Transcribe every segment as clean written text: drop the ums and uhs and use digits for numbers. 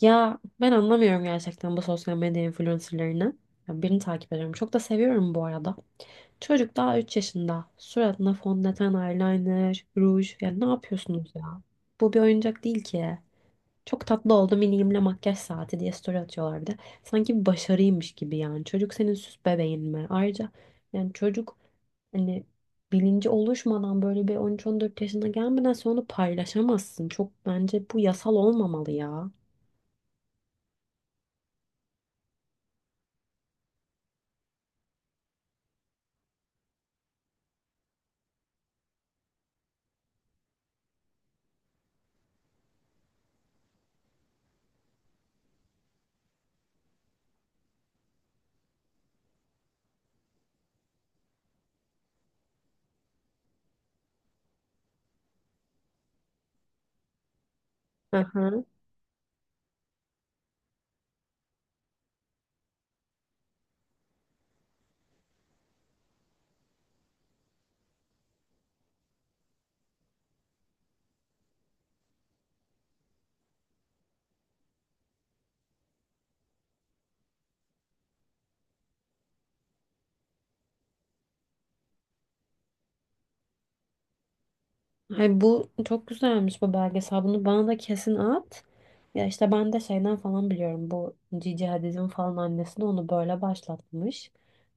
Ya ben anlamıyorum gerçekten bu sosyal medya influencerlarını. Ya birini takip ediyorum. Çok da seviyorum bu arada. Çocuk daha 3 yaşında. Suratına fondöten, eyeliner, ruj. Ya ne yapıyorsunuz ya? Bu bir oyuncak değil ki. Çok tatlı oldu miniğimle makyaj saati diye story atıyorlar bir de. Sanki bir başarıymış gibi yani. Çocuk senin süs bebeğin mi? Ayrıca yani çocuk hani bilinci oluşmadan böyle bir 13-14 yaşına gelmeden sonra onu paylaşamazsın. Çok bence bu yasal olmamalı ya. Aha. Ay, bu çok güzelmiş bu belgesel. Bunu bana da kesin at. Ya işte ben de şeyden falan biliyorum. Bu Cici Hadid'in falan annesi de onu böyle başlatmış.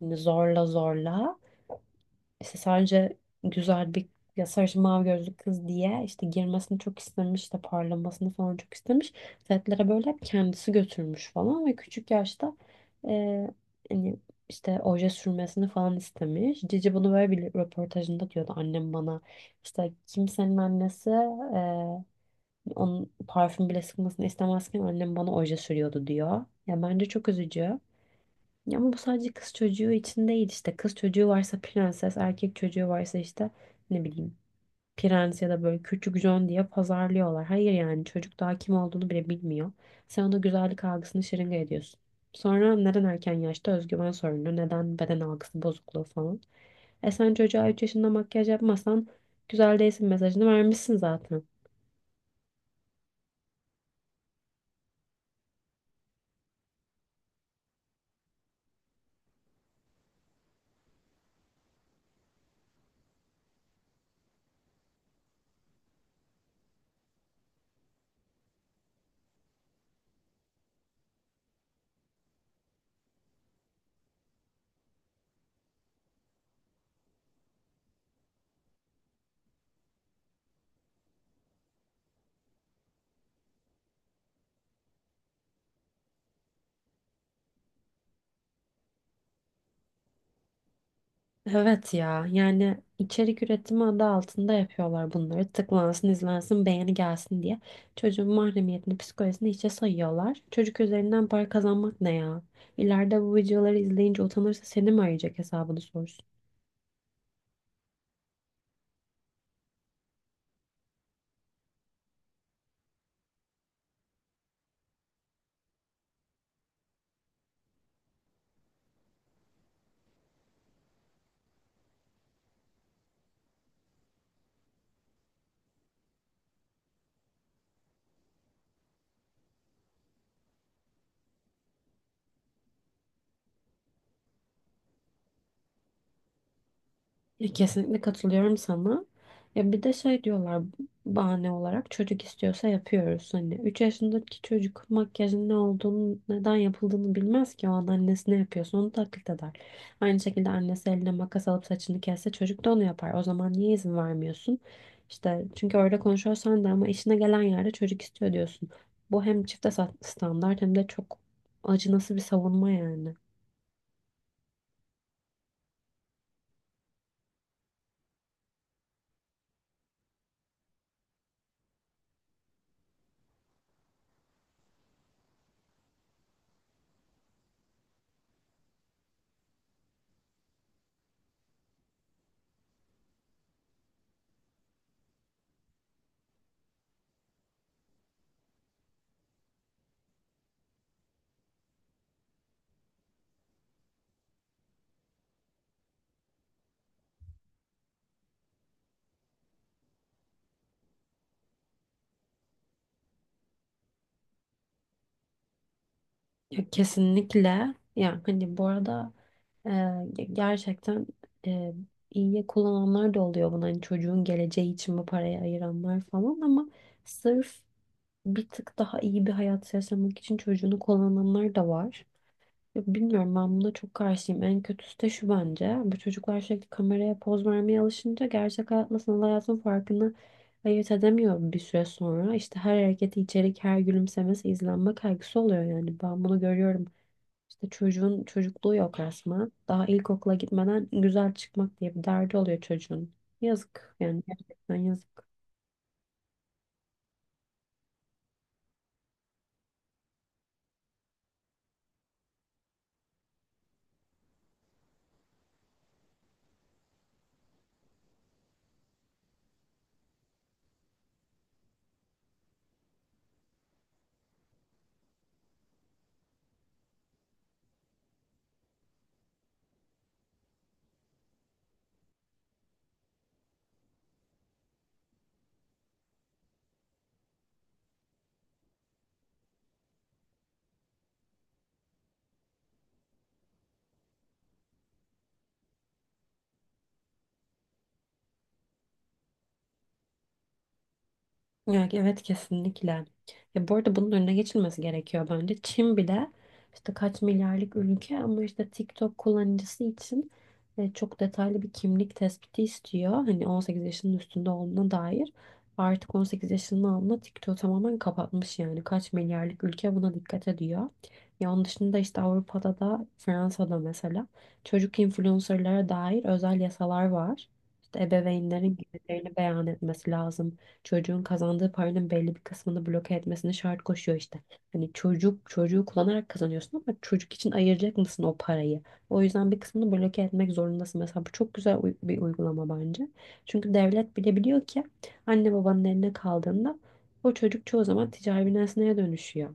Hani zorla zorla. İşte sadece güzel bir, ya, sarışın mavi gözlü kız diye işte girmesini çok istemiş, işte parlamasını falan çok istemiş. Setlere böyle hep kendisi götürmüş falan ve küçük yaşta e, hani işte oje sürmesini falan istemiş. Cici bunu böyle bir röportajında diyordu, annem bana işte kimsenin annesi onun parfüm bile sıkmasını istemezken annem bana oje sürüyordu diyor. Ya bence çok üzücü. Ya ama bu sadece kız çocuğu için değil işte. Kız çocuğu varsa prenses, erkek çocuğu varsa işte ne bileyim prens ya da böyle küçük John diye pazarlıyorlar. Hayır yani çocuk daha kim olduğunu bile bilmiyor. Sen ona güzellik algısını şırınga ediyorsun. Sonra neden erken yaşta özgüven sorunu, neden beden algısı bozukluğu falan. E sen çocuğa 3 yaşında makyaj yapmasan güzel değilsin mesajını vermişsin zaten. Evet ya, yani içerik üretimi adı altında yapıyorlar bunları. Tıklansın, izlensin, beğeni gelsin diye. Çocuğun mahremiyetini, psikolojisini hiçe sayıyorlar. Çocuk üzerinden para kazanmak ne ya? İleride bu videoları izleyince utanırsa seni mi arayacak hesabını sorsun? Ya kesinlikle katılıyorum sana. Ya bir de şey diyorlar bahane olarak, çocuk istiyorsa yapıyoruz. Hani 3 yaşındaki çocuk makyajın ne olduğunu, neden yapıldığını bilmez ki. O an annesi ne yapıyorsa onu taklit eder. Aynı şekilde annesi eline makas alıp saçını kesse çocuk da onu yapar. O zaman niye izin vermiyorsun? İşte çünkü öyle konuşuyorsan da ama işine gelen yerde çocuk istiyor diyorsun. Bu hem standart hem de çok acınası bir savunma yani. Ya kesinlikle. Yani hani bu arada gerçekten e, iyiye kullananlar da oluyor bunu. Hani çocuğun geleceği için bu parayı ayıranlar falan ama sırf bir tık daha iyi bir hayat yaşamak için çocuğunu kullananlar da var. Ya bilmiyorum, ben buna çok karşıyım. En kötüsü de şu bence. Bu çocuklar sürekli kameraya poz vermeye alışınca gerçek hayatla sanal hayatın farkını ayırt edemiyor bir süre sonra. İşte her hareketi içerik, her gülümsemesi izlenme kaygısı oluyor yani. Ben bunu görüyorum, işte çocuğun çocukluğu yok resmen. Daha ilkokula gitmeden güzel çıkmak diye bir derdi oluyor çocuğun. Yazık yani, gerçekten yazık. Ya, evet kesinlikle. Ya bu arada bunun önüne geçilmesi gerekiyor bence. Çin bile işte kaç milyarlık ülke ama işte TikTok kullanıcısı için çok detaylı bir kimlik tespiti istiyor. Hani 18 yaşının üstünde olduğuna dair. Artık 18 yaşının altında TikTok tamamen kapatmış yani. Kaç milyarlık ülke buna dikkat ediyor. Ya onun dışında işte Avrupa'da da Fransa'da mesela çocuk influencerlara dair özel yasalar var. İşte ebeveynlerin gelirlerini beyan etmesi lazım, çocuğun kazandığı paranın belli bir kısmını bloke etmesini şart koşuyor işte. Hani çocuk çocuğu kullanarak kazanıyorsun ama çocuk için ayıracak mısın o parayı? O yüzden bir kısmını bloke etmek zorundasın. Mesela bu çok güzel bir uygulama bence. Çünkü devlet bile biliyor ki anne babanın eline kaldığında o çocuk çoğu zaman ticari bir nesneye dönüşüyor.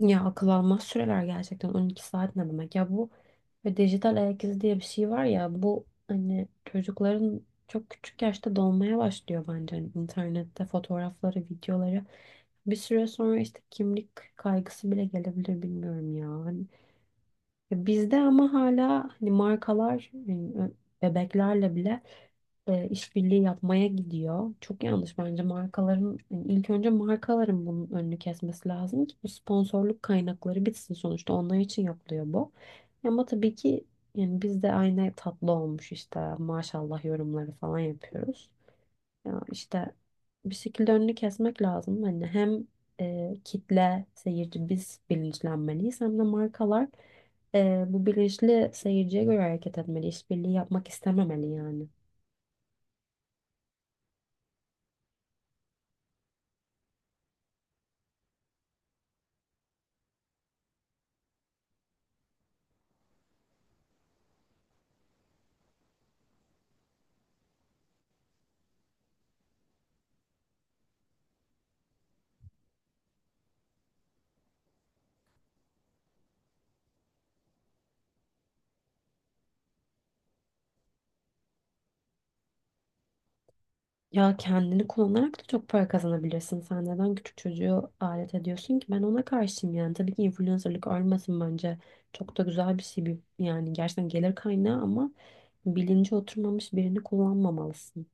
Ya akıl almaz süreler gerçekten. 12 saat ne demek ya bu? Ve dijital ayak izi diye bir şey var ya, bu hani çocukların çok küçük yaşta dolmaya başlıyor bence. Hani internette fotoğrafları, videoları, bir süre sonra işte kimlik kaygısı bile gelebilir, bilmiyorum ya. Hani, bizde ama hala hani markalar yani bebeklerle bile işbirliği yapmaya gidiyor. Çok yanlış bence markaların, yani ilk önce markaların bunun önünü kesmesi lazım ki bu sponsorluk kaynakları bitsin, sonuçta onlar için yapılıyor bu. Ama tabii ki yani biz de aynı tatlı olmuş işte maşallah yorumları falan yapıyoruz. Ya işte bir şekilde önünü kesmek lazım. Hani hem kitle, seyirci, biz bilinçlenmeliyiz hem de markalar bu bilinçli seyirciye göre hareket etmeli. İşbirliği yapmak istememeli yani. Ya kendini kullanarak da çok para kazanabilirsin. Sen neden küçük çocuğu alet ediyorsun ki? Ben ona karşıyım yani. Tabii ki influencerlık ölmesin bence. Çok da güzel bir şey. Yani gerçekten gelir kaynağı ama bilinci oturmamış birini kullanmamalısın.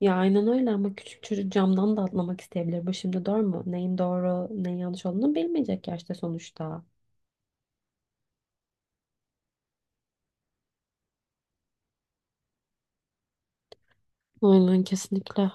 Ya aynen öyle ama küçük çocuk camdan da atlamak isteyebilir. Bu şimdi doğru mu? Neyin doğru, neyin yanlış olduğunu bilmeyecek yaşta sonuçta. Aynen kesinlikle.